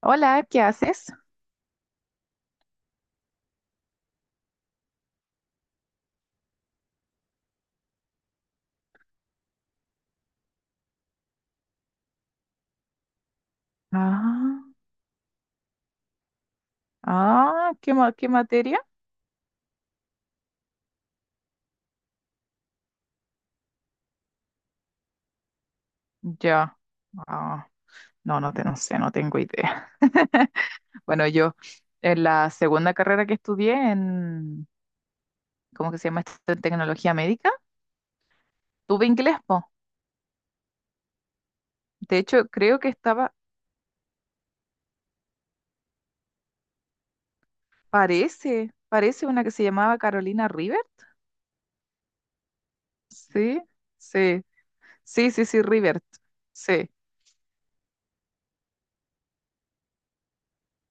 Hola, ¿qué haces? Ah, qué materia? Ya. Ah, no sé, no tengo idea. Bueno, yo en la segunda carrera que estudié en, ¿cómo que se llama esto? En tecnología médica, tuve inglés, po. De hecho, creo que estaba, parece una que se llamaba Carolina River. Sí, sí, sí, sí, sí, River. Sí.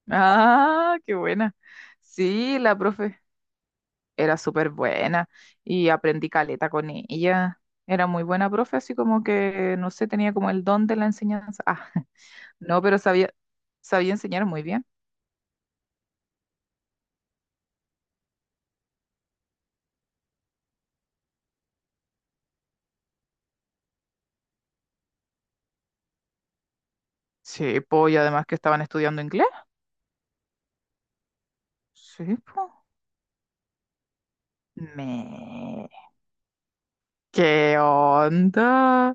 Ah, qué buena. Sí, la profe era súper buena y aprendí caleta con ella. Era muy buena profe, así como que, no sé, tenía como el don de la enseñanza. Ah, no, pero sabía, sabía enseñar muy bien. Sí, po, y además que estaban estudiando inglés. Sí, po. Me... ¿Qué onda?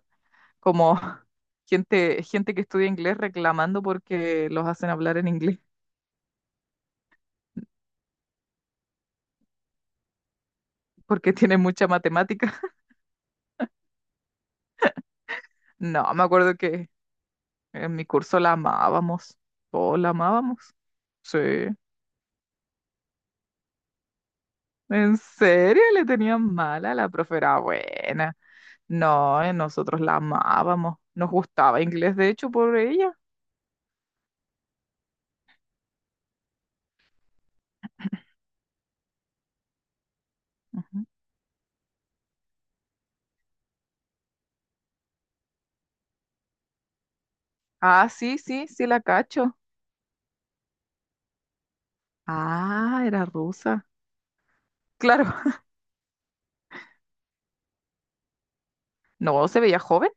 Como gente que estudia inglés reclamando porque los hacen hablar en inglés, porque tienen mucha matemática. No, me acuerdo que en mi curso la amábamos. Oh, la amábamos. Sí. ¿En serio le tenían mala? La profe era buena. No, nosotros la amábamos. Nos gustaba inglés, de hecho, por ella. Ujú. Ah, sí, sí, sí la cacho. Ah, era rusa. Claro. No, se veía joven.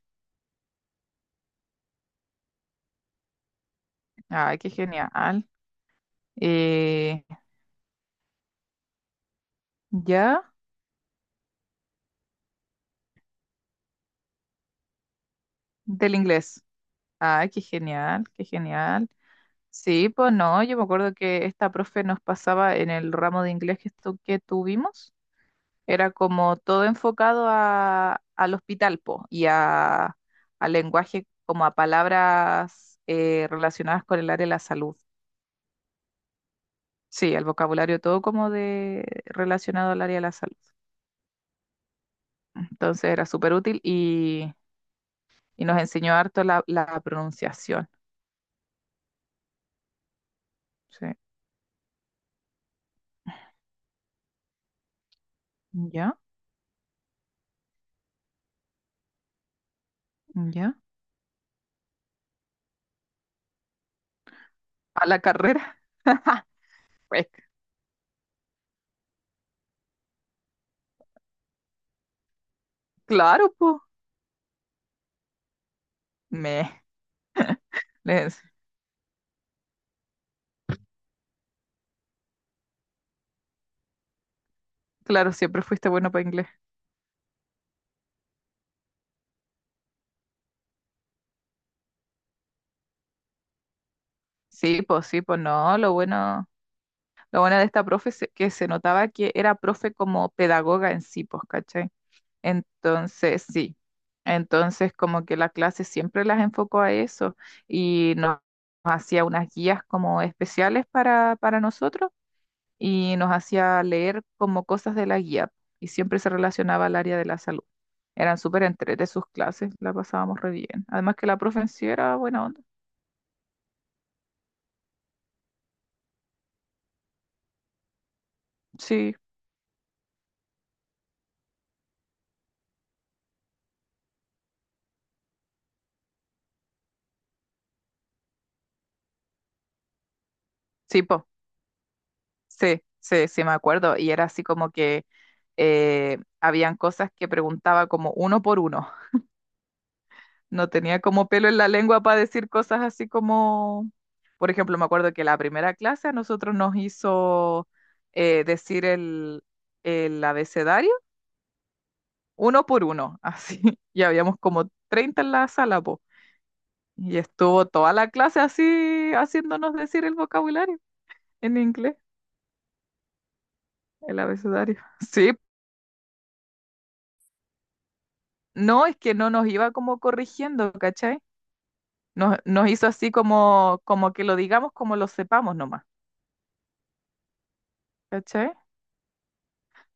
Ay, qué genial. Eh, ya, del inglés. Ay, qué genial, qué genial. Sí, pues no, yo me acuerdo que esta profe nos pasaba en el ramo de inglés que tuvimos. Era como todo enfocado a, al hospital, po, y a, al lenguaje, como a palabras relacionadas con el área de la salud. Sí, al vocabulario todo como de relacionado al área de la salud. Entonces era súper útil y nos enseñó harto la, la pronunciación. Sí. ¿Ya? ¿Ya? A la carrera. Pues claro, pues. Me. Les- Claro, siempre fuiste bueno para inglés. Sí, pues no, lo bueno. Lo bueno de esta profe es que se notaba que era profe como pedagoga en sí, pues, ¿cachai? Entonces, sí. Entonces, como que la clase siempre las enfocó a eso y nos hacía unas guías como especiales para nosotros y nos hacía leer como cosas de la guía y siempre se relacionaba al área de la salud. Eran súper entre sus clases, la pasábamos re bien. Además que la profe en sí era buena onda. Sí, sí, pues. Sí, sí, sí, me acuerdo. Y era así como que habían cosas que preguntaba como uno por uno. No tenía como pelo en la lengua para decir cosas así como, por ejemplo, me acuerdo que la primera clase a nosotros nos hizo decir el abecedario uno por uno, así. Y habíamos como 30 en la sala, po. Y estuvo toda la clase así haciéndonos decir el vocabulario en inglés, el abecedario. Sí, no, es que no nos iba como corrigiendo, ¿cachai? Nos hizo así como, como que lo digamos como lo sepamos nomás, ¿cachai?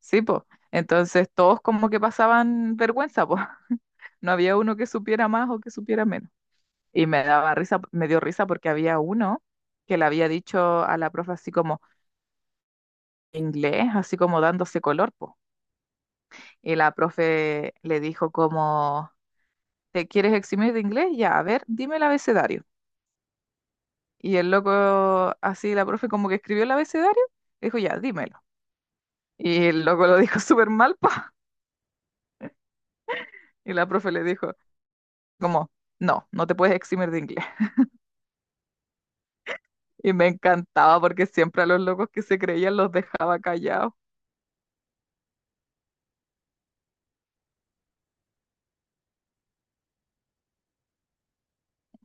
Sí, pues. Entonces todos como que pasaban vergüenza, pues. No había uno que supiera más o que supiera menos. Y me daba risa, me dio risa porque había uno que le había dicho a la profe así como inglés, así como dándose color, po. Y la profe le dijo como, ¿te quieres eximir de inglés? Ya, a ver, dime el abecedario. Y el loco, así la profe como que escribió el abecedario, dijo, ya, dímelo. Y el loco lo dijo súper mal, pa. Y la profe le dijo, como, no, no te puedes eximir de inglés. Y me encantaba porque siempre a los locos que se creían los dejaba callados.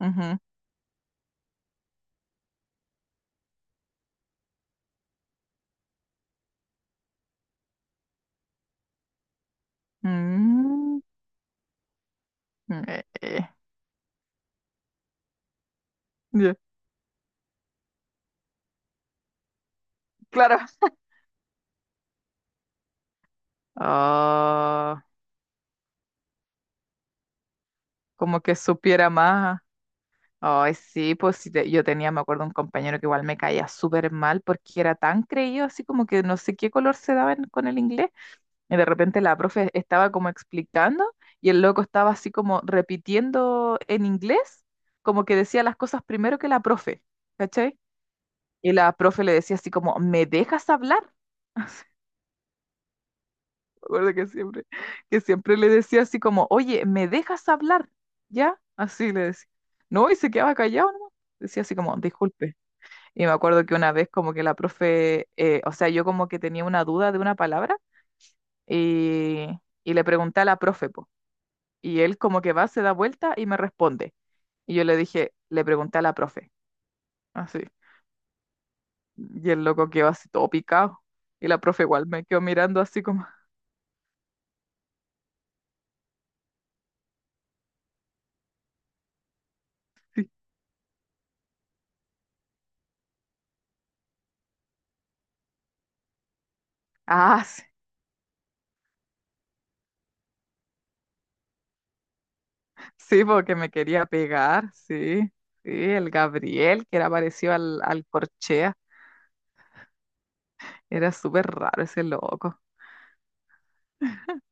Ujú. Mm, eh, eh. Ya, claro. Ah, como que supiera más. Ay, sí, pues sí, te- yo tenía, me acuerdo, un compañero que igual me caía súper mal porque era tan creído, así como que no sé qué color se daba en- con el inglés. Y de repente la profe estaba como explicando y el loco estaba así como repitiendo en inglés, como que decía las cosas primero que la profe, ¿cachai? Y la profe le decía así como, ¿me dejas hablar? Así, me acuerdo que siempre le decía así como, oye, ¿me dejas hablar? ¿Ya? Así le decía. No, y se quedaba callado, ¿no? Decía así como, disculpe. Y me acuerdo que una vez como que la profe, o sea, yo como que tenía una duda de una palabra y, y le pregunté a la profe, po. Y él como que va, se da vuelta y me responde. Y yo le dije, le pregunté a la profe, así. Y el loco quedó así todo picado. Y la profe igual me quedó mirando así como, ah, sí, sí, porque me quería pegar, sí. Sí, el Gabriel, que era parecido al, al Corchea. Era súper raro ese loco.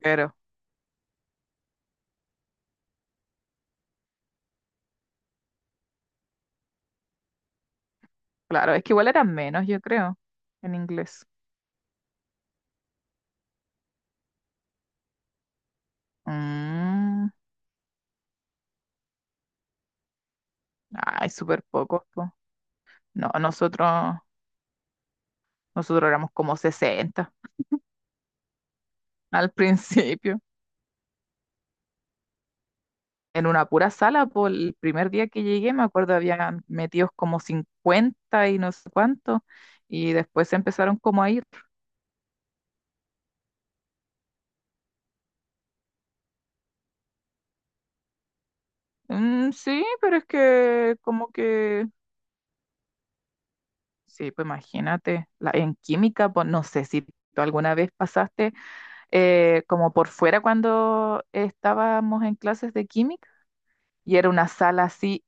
Pero, claro, es que igual eran menos, yo creo, en inglés. Mm, ay, súper pocos, po. No, nosotros éramos como 60 al principio. En una pura sala, por el primer día que llegué, me acuerdo, habían metidos como 50 y no sé cuánto, y después se empezaron como a ir. "Mm, sí, pero es que como que, sí, pues imagínate, la, en química, pues no sé si tú alguna vez pasaste como por fuera cuando estábamos en clases de química, y era una sala así,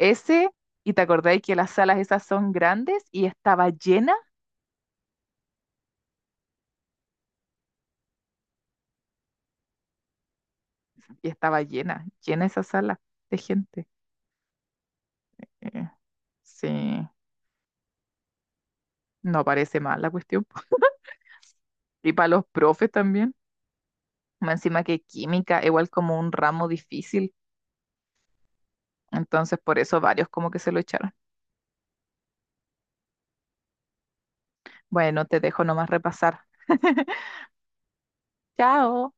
S, y te acordáis que las salas esas son grandes y estaba llena, llena esa sala de gente. Eh, sí, no parece mal la cuestión. Po. Y para los profes también, más encima que química, igual como un ramo difícil. Entonces por eso varios como que se lo echaron. Bueno, te dejo nomás repasar. Chao.